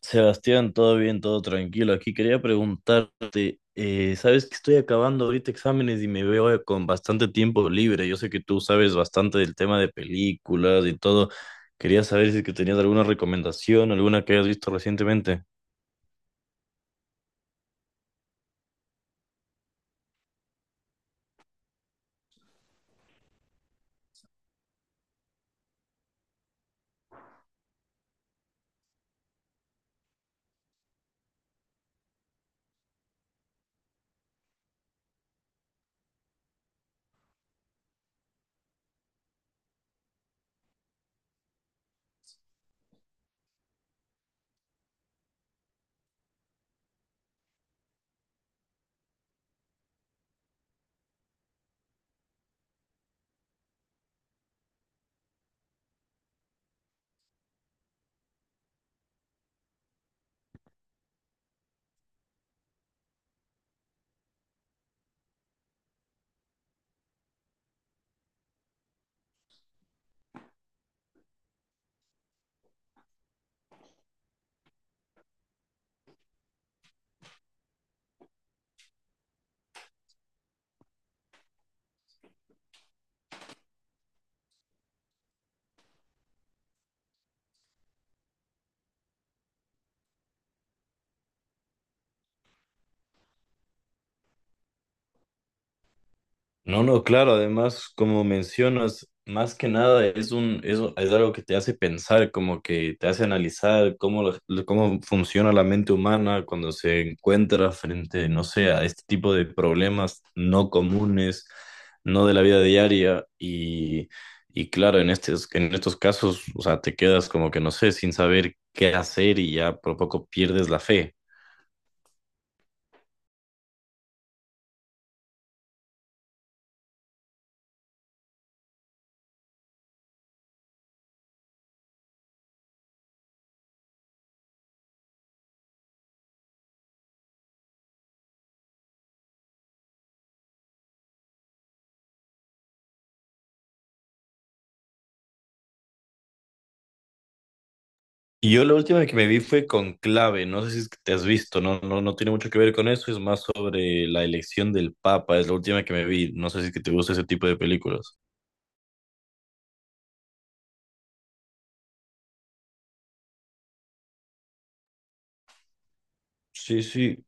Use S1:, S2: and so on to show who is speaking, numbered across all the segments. S1: Sebastián, todo bien, todo tranquilo. Aquí quería preguntarte, sabes que estoy acabando ahorita exámenes y me veo con bastante tiempo libre. Yo sé que tú sabes bastante del tema de películas y todo. Quería saber si es que tenías alguna recomendación, alguna que hayas visto recientemente. No, no, claro, además, como mencionas, más que nada es algo que te hace pensar, como que te hace analizar cómo funciona la mente humana cuando se encuentra frente, no sé, a este tipo de problemas no comunes, no de la vida diaria, y claro, en estos casos, o sea, te quedas como que no sé, sin saber qué hacer y ya por poco pierdes la fe. Y yo la última que me vi fue Conclave. No sé si es que te has visto, no, no, no tiene mucho que ver con eso, es más sobre la elección del Papa, es la última que me vi, no sé si es que te gusta ese tipo de películas. Sí, sí,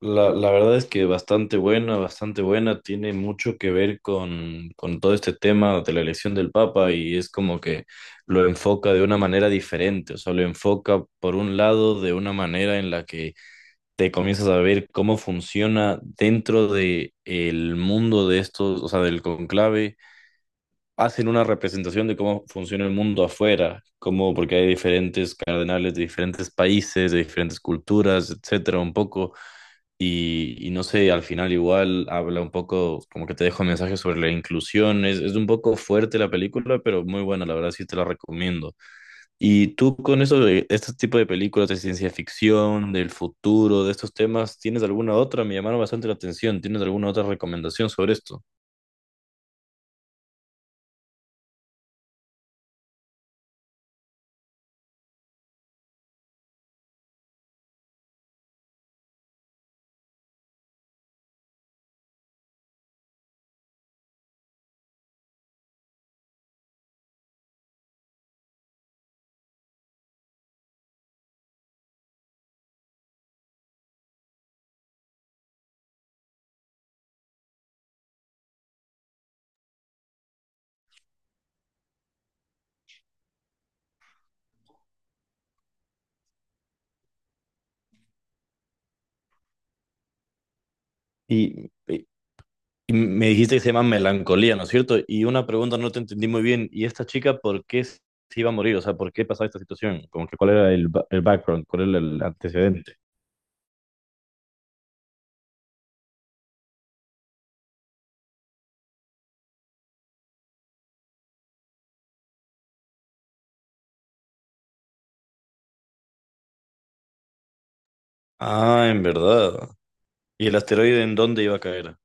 S1: la verdad es que bastante buena, tiene mucho que ver con todo este tema de la elección del Papa y es como que lo enfoca de una manera diferente, o sea, lo enfoca por un lado de una manera en la que te comienzas a ver cómo funciona dentro de el mundo de estos, o sea, del conclave, hacen una representación de cómo funciona el mundo afuera, como porque hay diferentes cardenales de diferentes países, de diferentes culturas, etcétera, un poco, y no sé, al final igual habla un poco, como que te dejo un mensaje sobre la inclusión, es un poco fuerte la película, pero muy buena, la verdad sí te la recomiendo. Y tú con eso de este tipo de películas de ciencia ficción, del futuro, de estos temas, ¿tienes alguna otra? Me llamaron bastante la atención. ¿Tienes alguna otra recomendación sobre esto? Y, y- y me dijiste que se llama Melancolía, ¿no es cierto? Y una pregunta, no te entendí muy bien. ¿Y esta chica por qué se iba a morir? O sea, ¿por qué pasaba esta situación? Como que cuál era el background, cuál era el antecedente. Ah, ¿en verdad? ¿Y el asteroide en dónde iba a caer?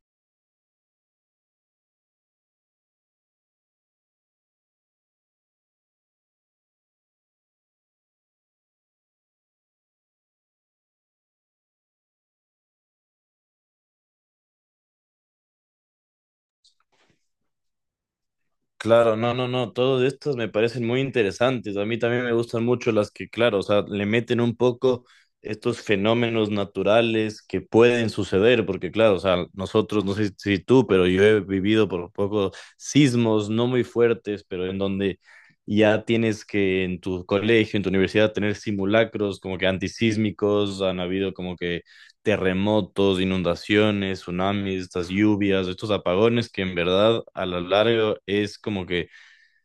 S1: Claro, no, no, no, todos estos me parecen muy interesantes. A mí también me gustan mucho las que, claro, o sea, le meten un poco estos fenómenos naturales que pueden suceder, porque claro, o sea, nosotros, no sé si tú, pero yo he vivido por poco sismos no muy fuertes, pero en donde ya tienes que en tu colegio, en tu universidad, tener simulacros como que antisísmicos, han habido como que terremotos, inundaciones, tsunamis, estas lluvias, estos apagones que en verdad a lo largo es como que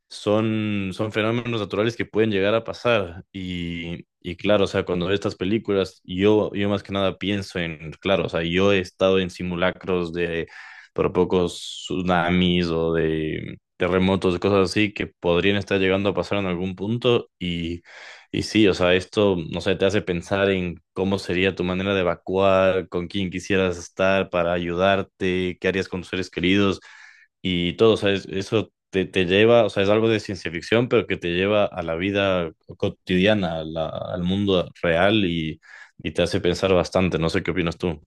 S1: son fenómenos naturales que pueden llegar a pasar. Y claro, o sea, cuando veo estas películas, yo más que nada pienso en, claro, o sea, yo he estado en simulacros de por pocos tsunamis o de terremotos, de cosas así que podrían estar llegando a pasar en algún punto. Y sí, o sea, esto, no sé, te hace pensar en cómo sería tu manera de evacuar, con quién quisieras estar para ayudarte, qué harías con tus seres queridos. Y todo, o sea, eso te lleva, o sea, es algo de ciencia ficción, pero que te lleva a la vida cotidiana, al mundo real y te hace pensar bastante. No sé qué opinas tú.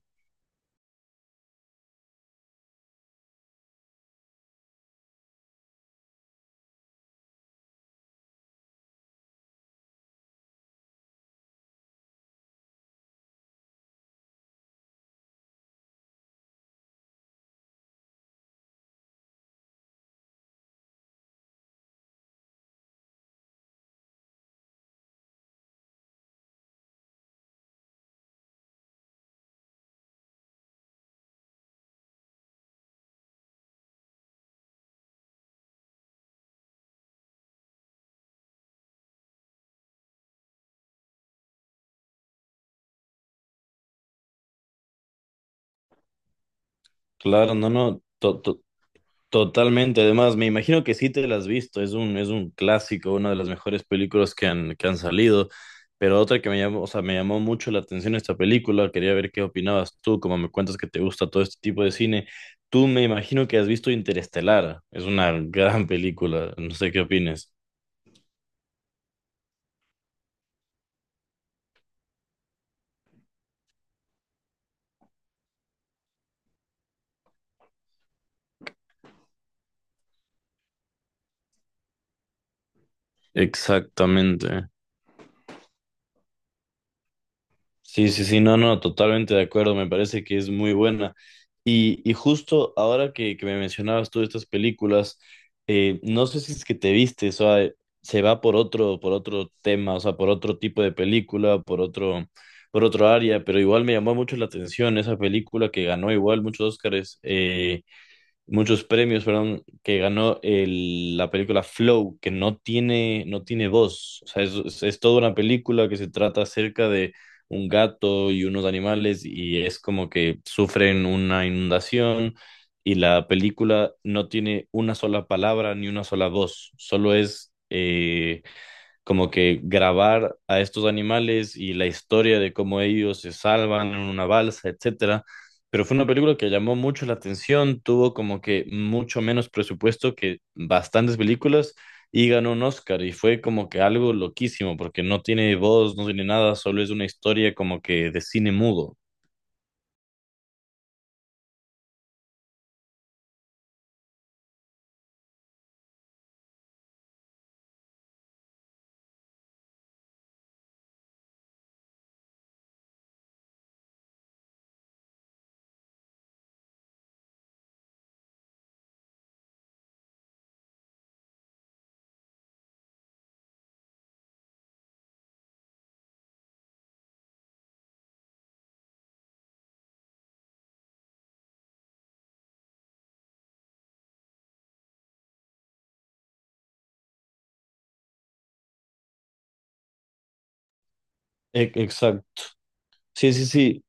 S1: Claro, no, no. Totalmente, además me imagino que sí te la has visto, es un clásico, una de las mejores películas que han salido, pero otra que me llamó, o sea, me llamó mucho la atención esta película, quería ver qué opinabas tú, como me cuentas que te gusta todo este tipo de cine, tú me imagino que has visto Interestelar, es una gran película, no sé qué opines. Exactamente. Sí, sí, sí, no, no, totalmente de acuerdo, me parece que es muy buena. Y justo ahora que me mencionabas tú estas películas, no sé si es que te viste, o sea, se va por otro tema, o sea, por otro tipo de película, por otro área, pero igual me llamó mucho la atención esa película que ganó igual muchos Óscares, muchos premios, perdón, que ganó la película Flow, que no tiene voz. O sea, es toda una película que se trata acerca de un gato y unos animales y es como que sufren una inundación y la película no tiene una sola palabra ni una sola voz, solo es como que grabar a estos animales y la historia de cómo ellos se salvan en una balsa, etcétera. Pero fue una película que llamó mucho la atención, tuvo como que mucho menos presupuesto que bastantes películas y ganó un Oscar y fue como que algo loquísimo porque no tiene voz, no tiene nada, solo es una historia como que de cine mudo. Exacto. Sí, sí, sí.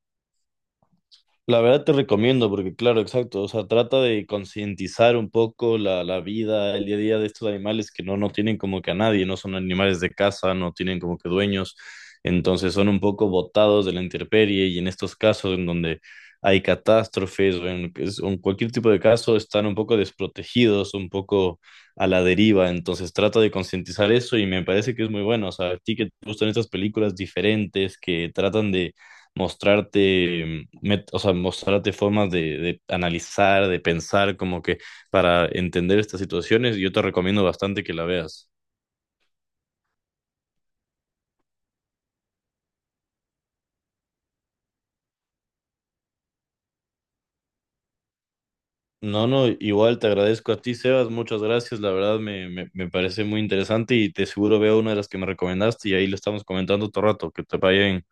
S1: La verdad te recomiendo, porque claro, exacto, o sea, trata de concientizar un poco la vida, el día a día de estos animales que no tienen como que a nadie, no son animales de casa, no tienen como que dueños, entonces son un poco botados de la intemperie y en estos casos en donde hay catástrofes o en cualquier tipo de caso están un poco desprotegidos, un poco a la deriva, entonces trata de concientizar eso y me parece que es muy bueno, o sea, a ti que te gustan estas películas diferentes que tratan de mostrarte, o sea, mostrarte formas de analizar, de pensar, como que para entender estas situaciones, yo te recomiendo bastante que la veas. No, no, igual te agradezco a ti, Sebas, muchas gracias, la verdad me parece muy interesante y te seguro veo una de las que me recomendaste y ahí lo estamos comentando todo rato, que te vaya bien.